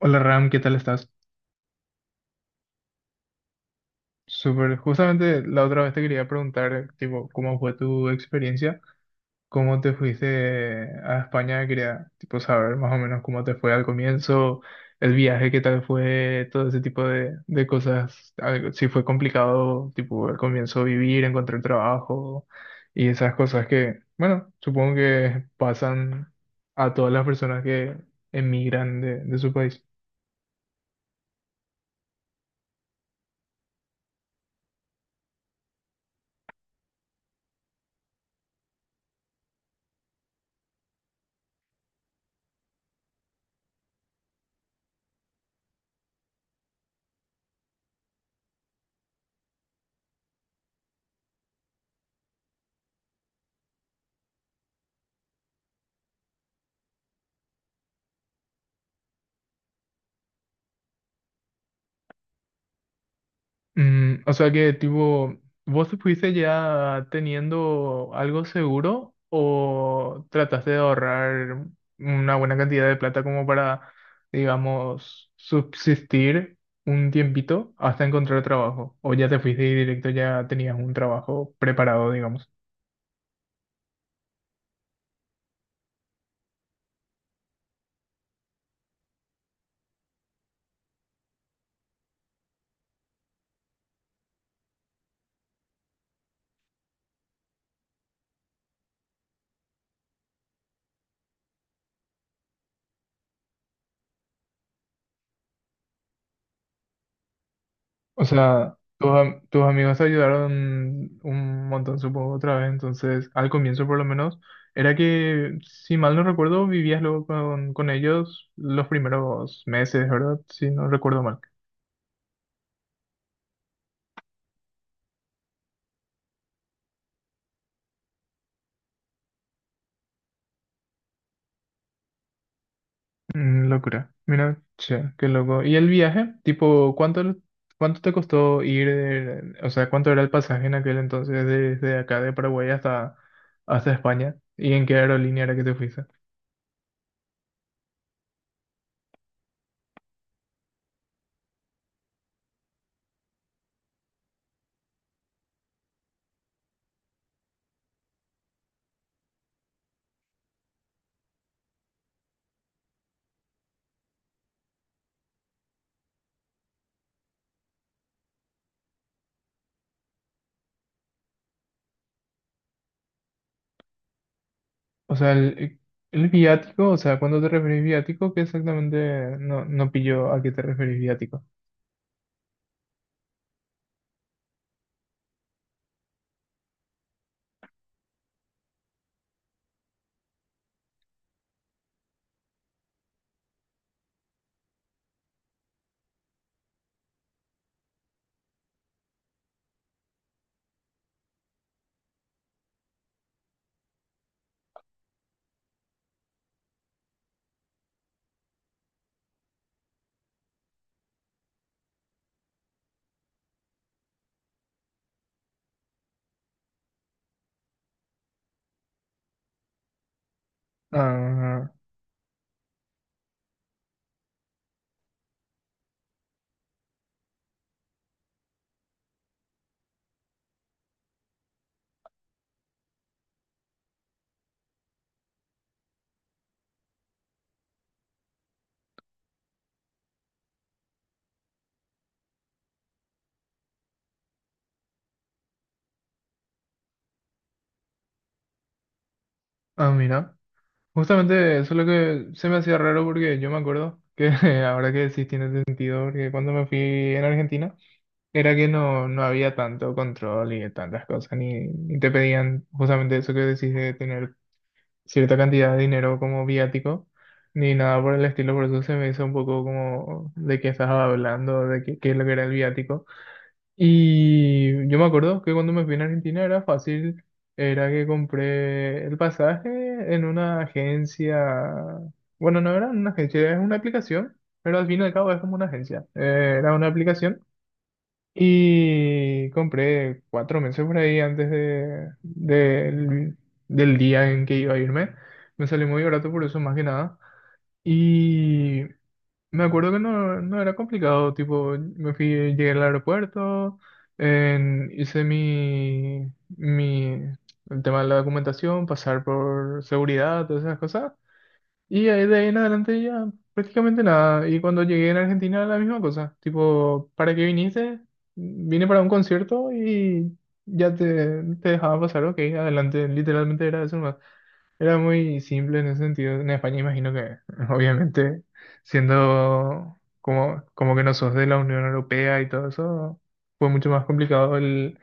Hola Ram, ¿qué tal estás? Súper, justamente la otra vez te quería preguntar, tipo, ¿cómo fue tu experiencia? ¿Cómo te fuiste a España? Quería, tipo, saber más o menos cómo te fue al comienzo, el viaje, qué tal fue, todo ese tipo de cosas. Si fue complicado, tipo, al comienzo vivir, encontrar trabajo y esas cosas que, bueno, supongo que pasan a todas las personas que emigran de su país. O sea que tipo, ¿vos fuiste ya teniendo algo seguro o trataste de ahorrar una buena cantidad de plata como para, digamos, subsistir un tiempito hasta encontrar trabajo? ¿O ya te fuiste y directo ya tenías un trabajo preparado, digamos? O sea, tus amigos te ayudaron un montón, supongo, otra vez. Entonces, al comienzo por lo menos, era que, si mal no recuerdo, vivías luego con ellos los primeros meses, ¿verdad? Si no recuerdo mal. Locura. Mira, che, qué loco. ¿Y el viaje? Tipo, ¿cuánto, cuánto te costó ir? O sea, ¿cuánto era el pasaje en aquel entonces desde acá de Paraguay hasta España? ¿Y en qué aerolínea era que te fuiste? O sea, el viático, o sea, cuando te referís viático, ¿qué exactamente no pillo a qué te referís viático? Ah, ah, mira. Justamente eso es lo que se me hacía raro porque yo me acuerdo que ahora que sí tiene sentido, porque cuando me fui en Argentina era que no había tanto control y tantas cosas, ni te pedían justamente eso que decís de tener cierta cantidad de dinero como viático ni nada por el estilo, por eso se me hizo un poco como de qué estás hablando, de qué es lo que era el viático. Y yo me acuerdo que cuando me fui a Argentina era fácil, era que compré el pasaje en una agencia, bueno, no era una agencia, era una aplicación, pero al fin y al cabo es como una agencia. Era una aplicación y compré 4 meses por ahí antes de, del del día en que iba a irme, me salió muy barato por eso más que nada. Y me acuerdo que no era complicado, tipo, me fui, llegué al aeropuerto, hice mi el tema de la documentación, pasar por seguridad, todas esas cosas, y ahí de ahí en adelante ya prácticamente nada. Y cuando llegué en Argentina, la misma cosa, tipo, ¿para qué viniste? Vine para un concierto y ya te dejaba pasar, ok, adelante, literalmente era eso más. Era muy simple en ese sentido. En España imagino que, obviamente, siendo como que no sos de la Unión Europea y todo eso, fue mucho más complicado el,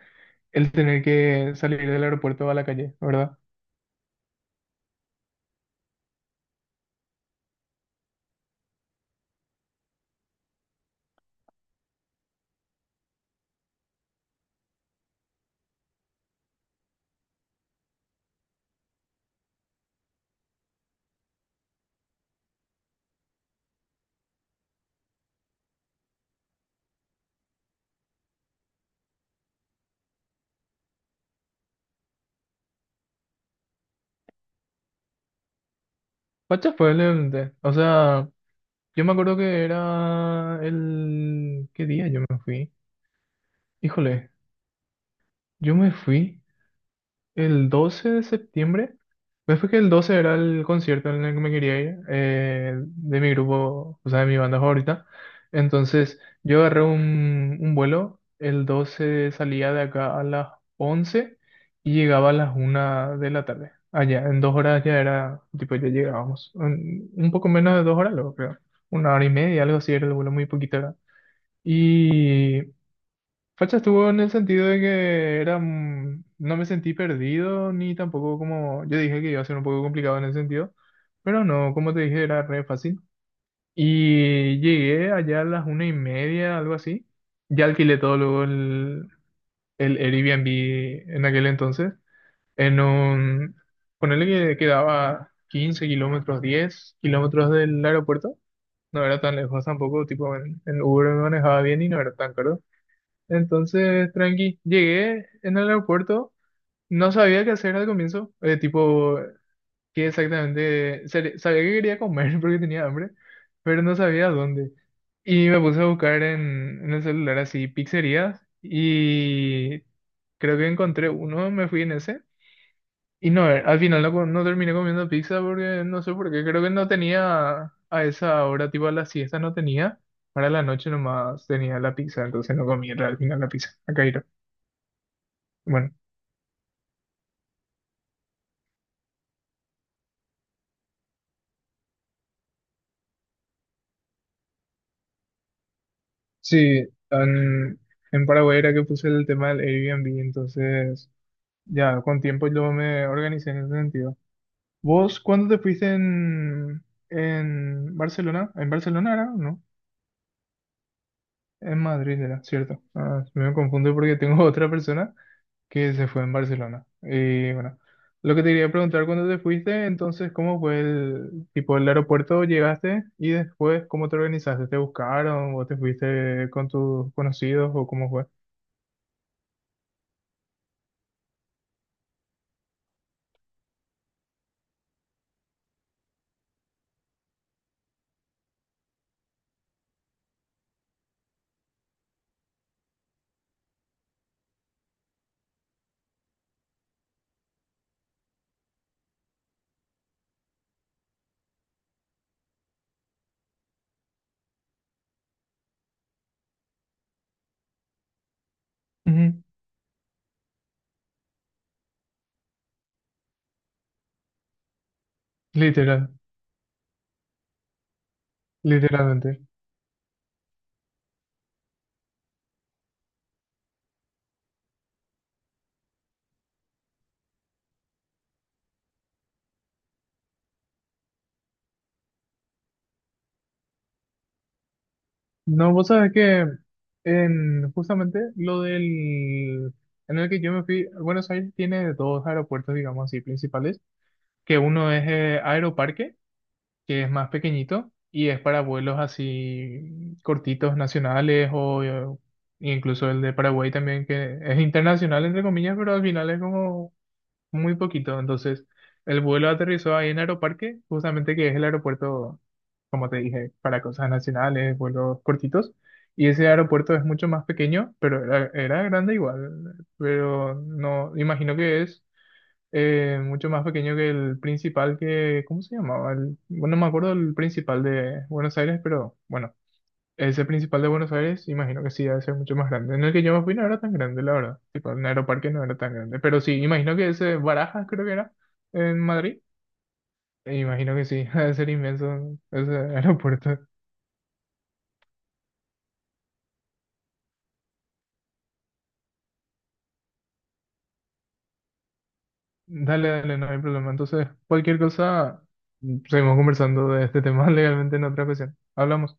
el tener que salir del aeropuerto a la calle, ¿verdad? Pacha fue el evento. O sea, yo me acuerdo que era ¿qué día yo me fui? Híjole, yo me fui. El 12 de septiembre, pues fue que el 12 era el concierto en el que me quería ir, de mi grupo, o sea, de mi banda favorita. Entonces, yo agarré un vuelo, el 12 salía de acá a las 11 y llegaba a las 1 de la tarde. Allá, en 2 horas ya era, tipo, ya llegábamos. Un poco menos de 2 horas, luego creo. Una hora y media, algo así, era el vuelo muy poquito acá. Y Facha estuvo en el sentido de que era, no me sentí perdido ni tampoco como, yo dije que iba a ser un poco complicado en ese sentido, pero no, como te dije, era re fácil. Y llegué allá a las 1 y media, algo así. Ya alquilé todo luego el Airbnb en aquel entonces, en un, ponele que quedaba 15 kilómetros, 10 kilómetros del aeropuerto. No era tan lejos tampoco, tipo en Uber me manejaba bien y no era tan caro. Entonces, tranqui, llegué en el aeropuerto, no sabía qué hacer al comienzo, tipo, qué exactamente, sabía que quería comer porque tenía hambre, pero no sabía dónde. Y me puse a buscar en el celular así pizzerías y creo que encontré uno, me fui en ese. Y no, al final no terminé comiendo pizza porque no sé por qué, creo que no tenía a esa hora, tipo a la siesta no tenía, para la noche nomás tenía la pizza, entonces no comí al final la pizza, a Cairo. Bueno, sí, en Paraguay era que puse el tema del Airbnb, entonces ya con tiempo yo me organicé en ese sentido. ¿Vos cuándo te fuiste en Barcelona? ¿En Barcelona era? No, en Madrid era, cierto. Ah, me confundo porque tengo otra persona que se fue en Barcelona. Y bueno, lo que te quería preguntar, ¿cuándo te fuiste? Entonces, ¿cómo fue el tipo el aeropuerto? ¿Llegaste? Y después, ¿cómo te organizaste? ¿Te buscaron? ¿O te fuiste con tus conocidos o cómo fue? Ujú. Literal, literalmente. No, vos sabés que en justamente lo del, en el que yo me fui, Buenos Aires tiene dos aeropuertos, digamos así, principales, que uno es Aeroparque, que es más pequeñito y es para vuelos así cortitos nacionales o incluso el de Paraguay también que es internacional entre comillas, pero al final es como muy poquito. Entonces, el vuelo aterrizó ahí en Aeroparque, justamente que es el aeropuerto, como te dije, para cosas nacionales, vuelos cortitos. Y ese aeropuerto es mucho más pequeño, pero era grande igual. Pero no, imagino que es mucho más pequeño que el principal que, ¿cómo se llamaba? Bueno, no me acuerdo el principal de Buenos Aires, pero bueno, ese principal de Buenos Aires, imagino que sí, debe ser mucho más grande. En el que yo me fui no era tan grande, la verdad. Tipo, en Aeroparque no era tan grande. Pero sí, imagino que ese Barajas, creo que era, en Madrid. E imagino que sí, debe ser inmenso ese aeropuerto. Dale, dale, no hay problema. Entonces, cualquier cosa, seguimos conversando de este tema legalmente en otra ocasión. Hablamos.